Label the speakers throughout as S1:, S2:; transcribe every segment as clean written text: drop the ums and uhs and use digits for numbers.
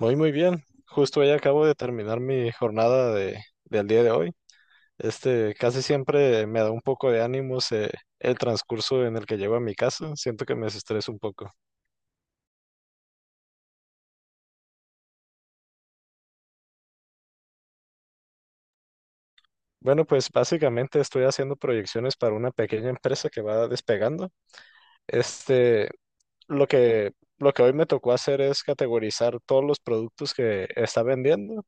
S1: Muy, muy bien. Justo ya acabo de terminar mi jornada del día de hoy. Casi siempre me da un poco de ánimos el transcurso en el que llego a mi casa. Siento que me desestreso un poco. Bueno, pues básicamente estoy haciendo proyecciones para una pequeña empresa que va despegando. Este, lo que, lo que hoy me tocó hacer es categorizar todos los productos que está vendiendo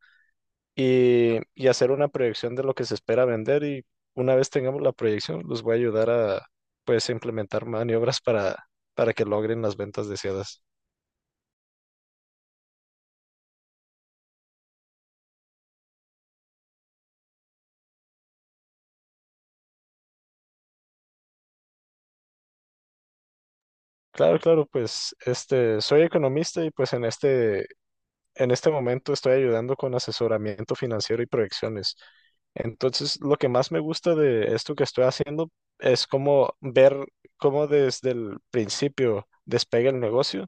S1: y hacer una proyección de lo que se espera vender y una vez tengamos la proyección, los voy a ayudar a pues implementar maniobras para que logren las ventas deseadas. Claro, claro, pues soy economista y pues en este momento estoy ayudando con asesoramiento financiero y proyecciones. Entonces, lo que más me gusta de esto que estoy haciendo es como ver cómo desde el principio despega el negocio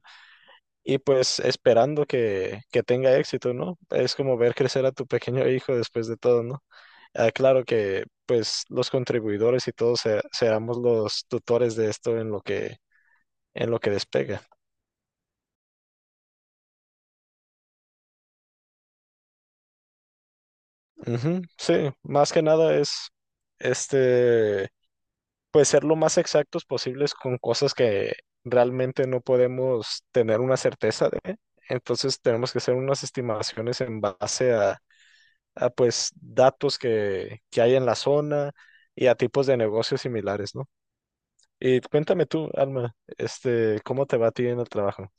S1: y pues esperando que tenga éxito, ¿no? Es como ver crecer a tu pequeño hijo después de todo, ¿no? Ah, claro que pues los contribuidores y todos seamos los tutores de esto en lo que despega. Ujú. Sí, más que nada es este, pues ser lo más exactos posibles con cosas que realmente no podemos tener una certeza de. Entonces tenemos que hacer unas estimaciones en base a pues datos que hay en la zona y a tipos de negocios similares, ¿no? Y cuéntame tú, Alma, este, ¿cómo te va a ti en el trabajo?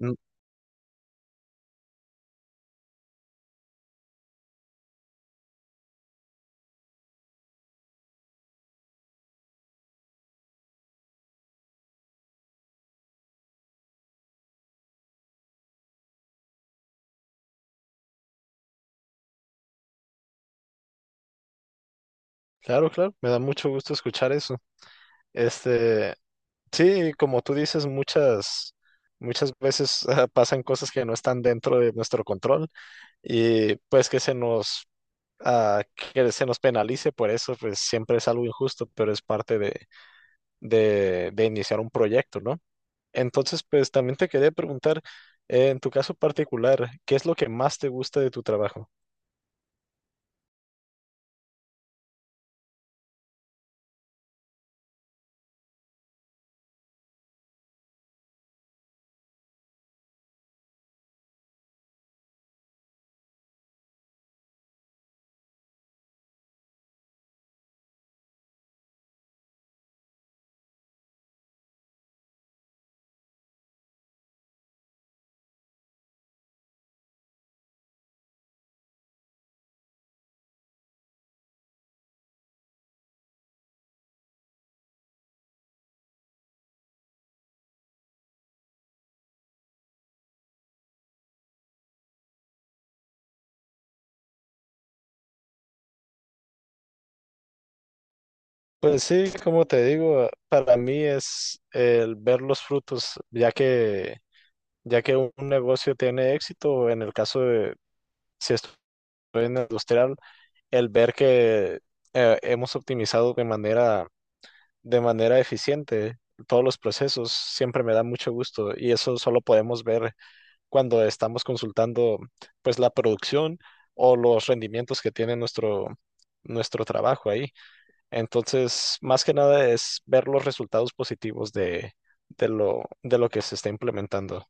S1: Mm. Claro, claro, me da mucho gusto escuchar eso. Este, sí, como tú dices, muchas veces pasan cosas que no están dentro de nuestro control y pues que ah, que se nos penalice por eso, pues siempre es algo injusto, pero es parte de iniciar un proyecto, ¿no? Entonces, pues también te quería preguntar, en tu caso particular, ¿qué es lo que más te gusta de tu trabajo? Pues sí, como te digo, para mí es el ver los frutos, ya que un negocio tiene éxito, en el caso de si estoy en el industrial, el ver que hemos optimizado de manera eficiente todos los procesos siempre me da mucho gusto y eso solo podemos ver cuando estamos consultando pues la producción o los rendimientos que tiene nuestro trabajo ahí. Entonces, más que nada es ver los resultados positivos de lo que se está implementando.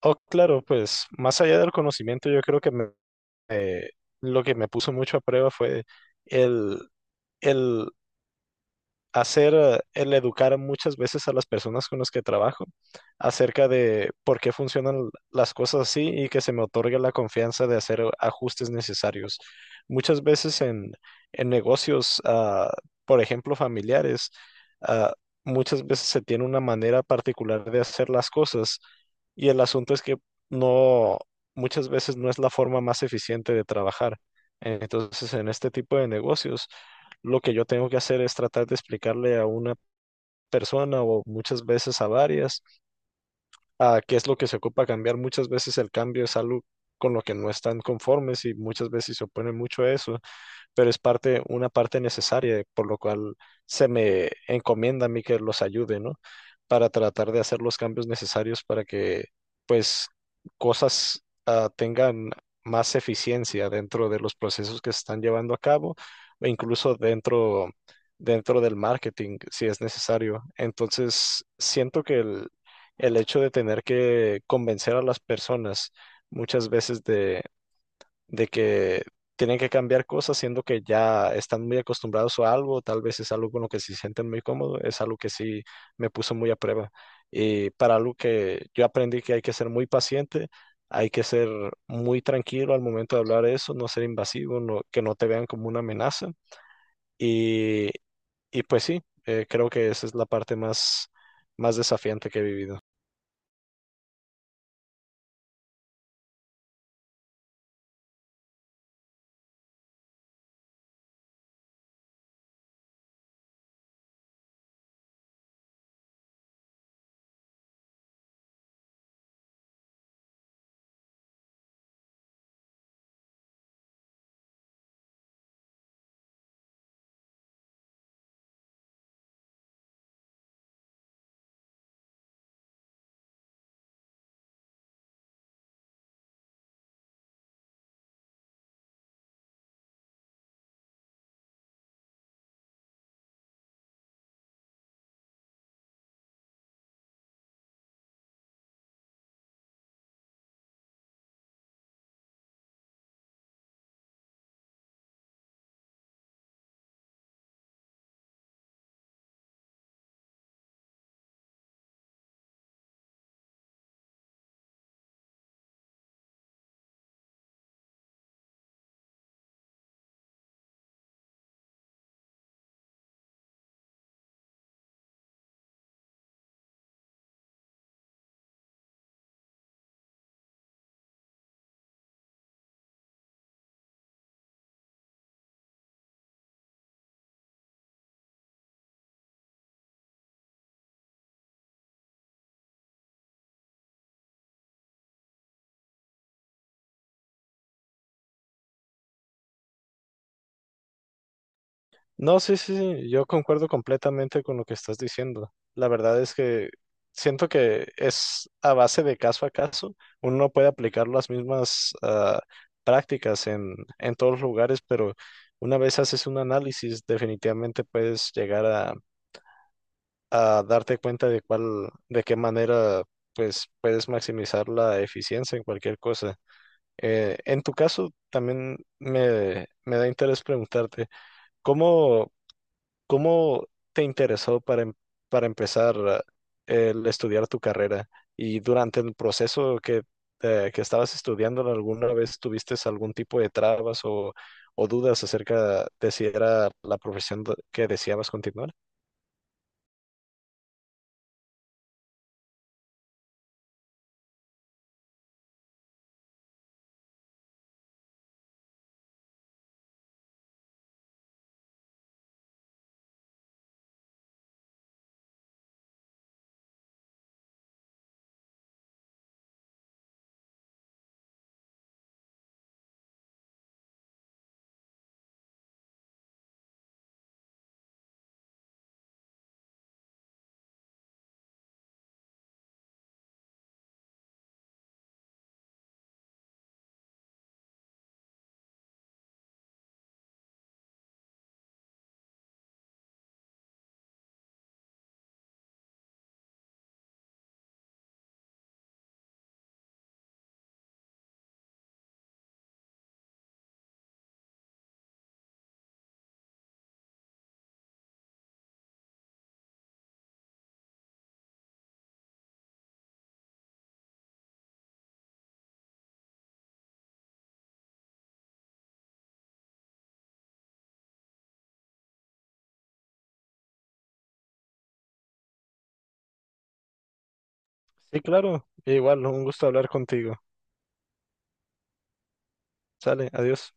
S1: Oh, claro, pues más allá del conocimiento, yo creo que eh, lo que me puso mucho a prueba fue el, el hacer el educar muchas veces a las personas con las que trabajo acerca de por qué funcionan las cosas así y que se me otorgue la confianza de hacer ajustes necesarios. Muchas veces en negocios, por ejemplo, familiares, ah, muchas veces se tiene una manera particular de hacer las cosas y el asunto es que no, muchas veces no es la forma más eficiente de trabajar. Entonces, en este tipo de negocios, lo que yo tengo que hacer es tratar de explicarle a una persona o muchas veces a varias a qué es lo que se ocupa cambiar. Muchas veces el cambio es algo con lo que no están conformes y muchas veces se oponen mucho a eso, pero es parte, una parte necesaria, por lo cual se me encomienda a mí que los ayude, ¿no? Para tratar de hacer los cambios necesarios para que, pues, cosas tengan más eficiencia dentro de los procesos que se están llevando a cabo o incluso dentro del marketing, si es necesario. Entonces, siento que el hecho de tener que convencer a las personas muchas veces de que tienen que cambiar cosas, siendo que ya están muy acostumbrados a algo, tal vez es algo con lo que se sienten muy cómodos, es algo que sí me puso muy a prueba. Y para algo que yo aprendí que hay que ser muy paciente, hay que ser muy tranquilo al momento de hablar eso, no ser invasivo, no, que no te vean como una amenaza. Y, y pues sí, creo que esa es la parte más, más desafiante que he vivido. No, sí, sí, sí, yo concuerdo completamente con lo que estás diciendo. La verdad es que siento que es a base de caso a caso. Uno no puede aplicar las mismas prácticas en todos los lugares, pero una vez haces un análisis, definitivamente puedes llegar a darte cuenta de de qué manera, pues, puedes maximizar la eficiencia en cualquier cosa. En tu caso, también me da interés preguntarte, ¿cómo... ¿Cómo te interesó para empezar el estudiar tu carrera? Y durante el proceso que estabas estudiando, ¿alguna vez tuviste algún tipo de trabas o dudas acerca de si era la profesión que deseabas continuar? Sí, claro. Igual, un gusto hablar contigo. Sale, adiós.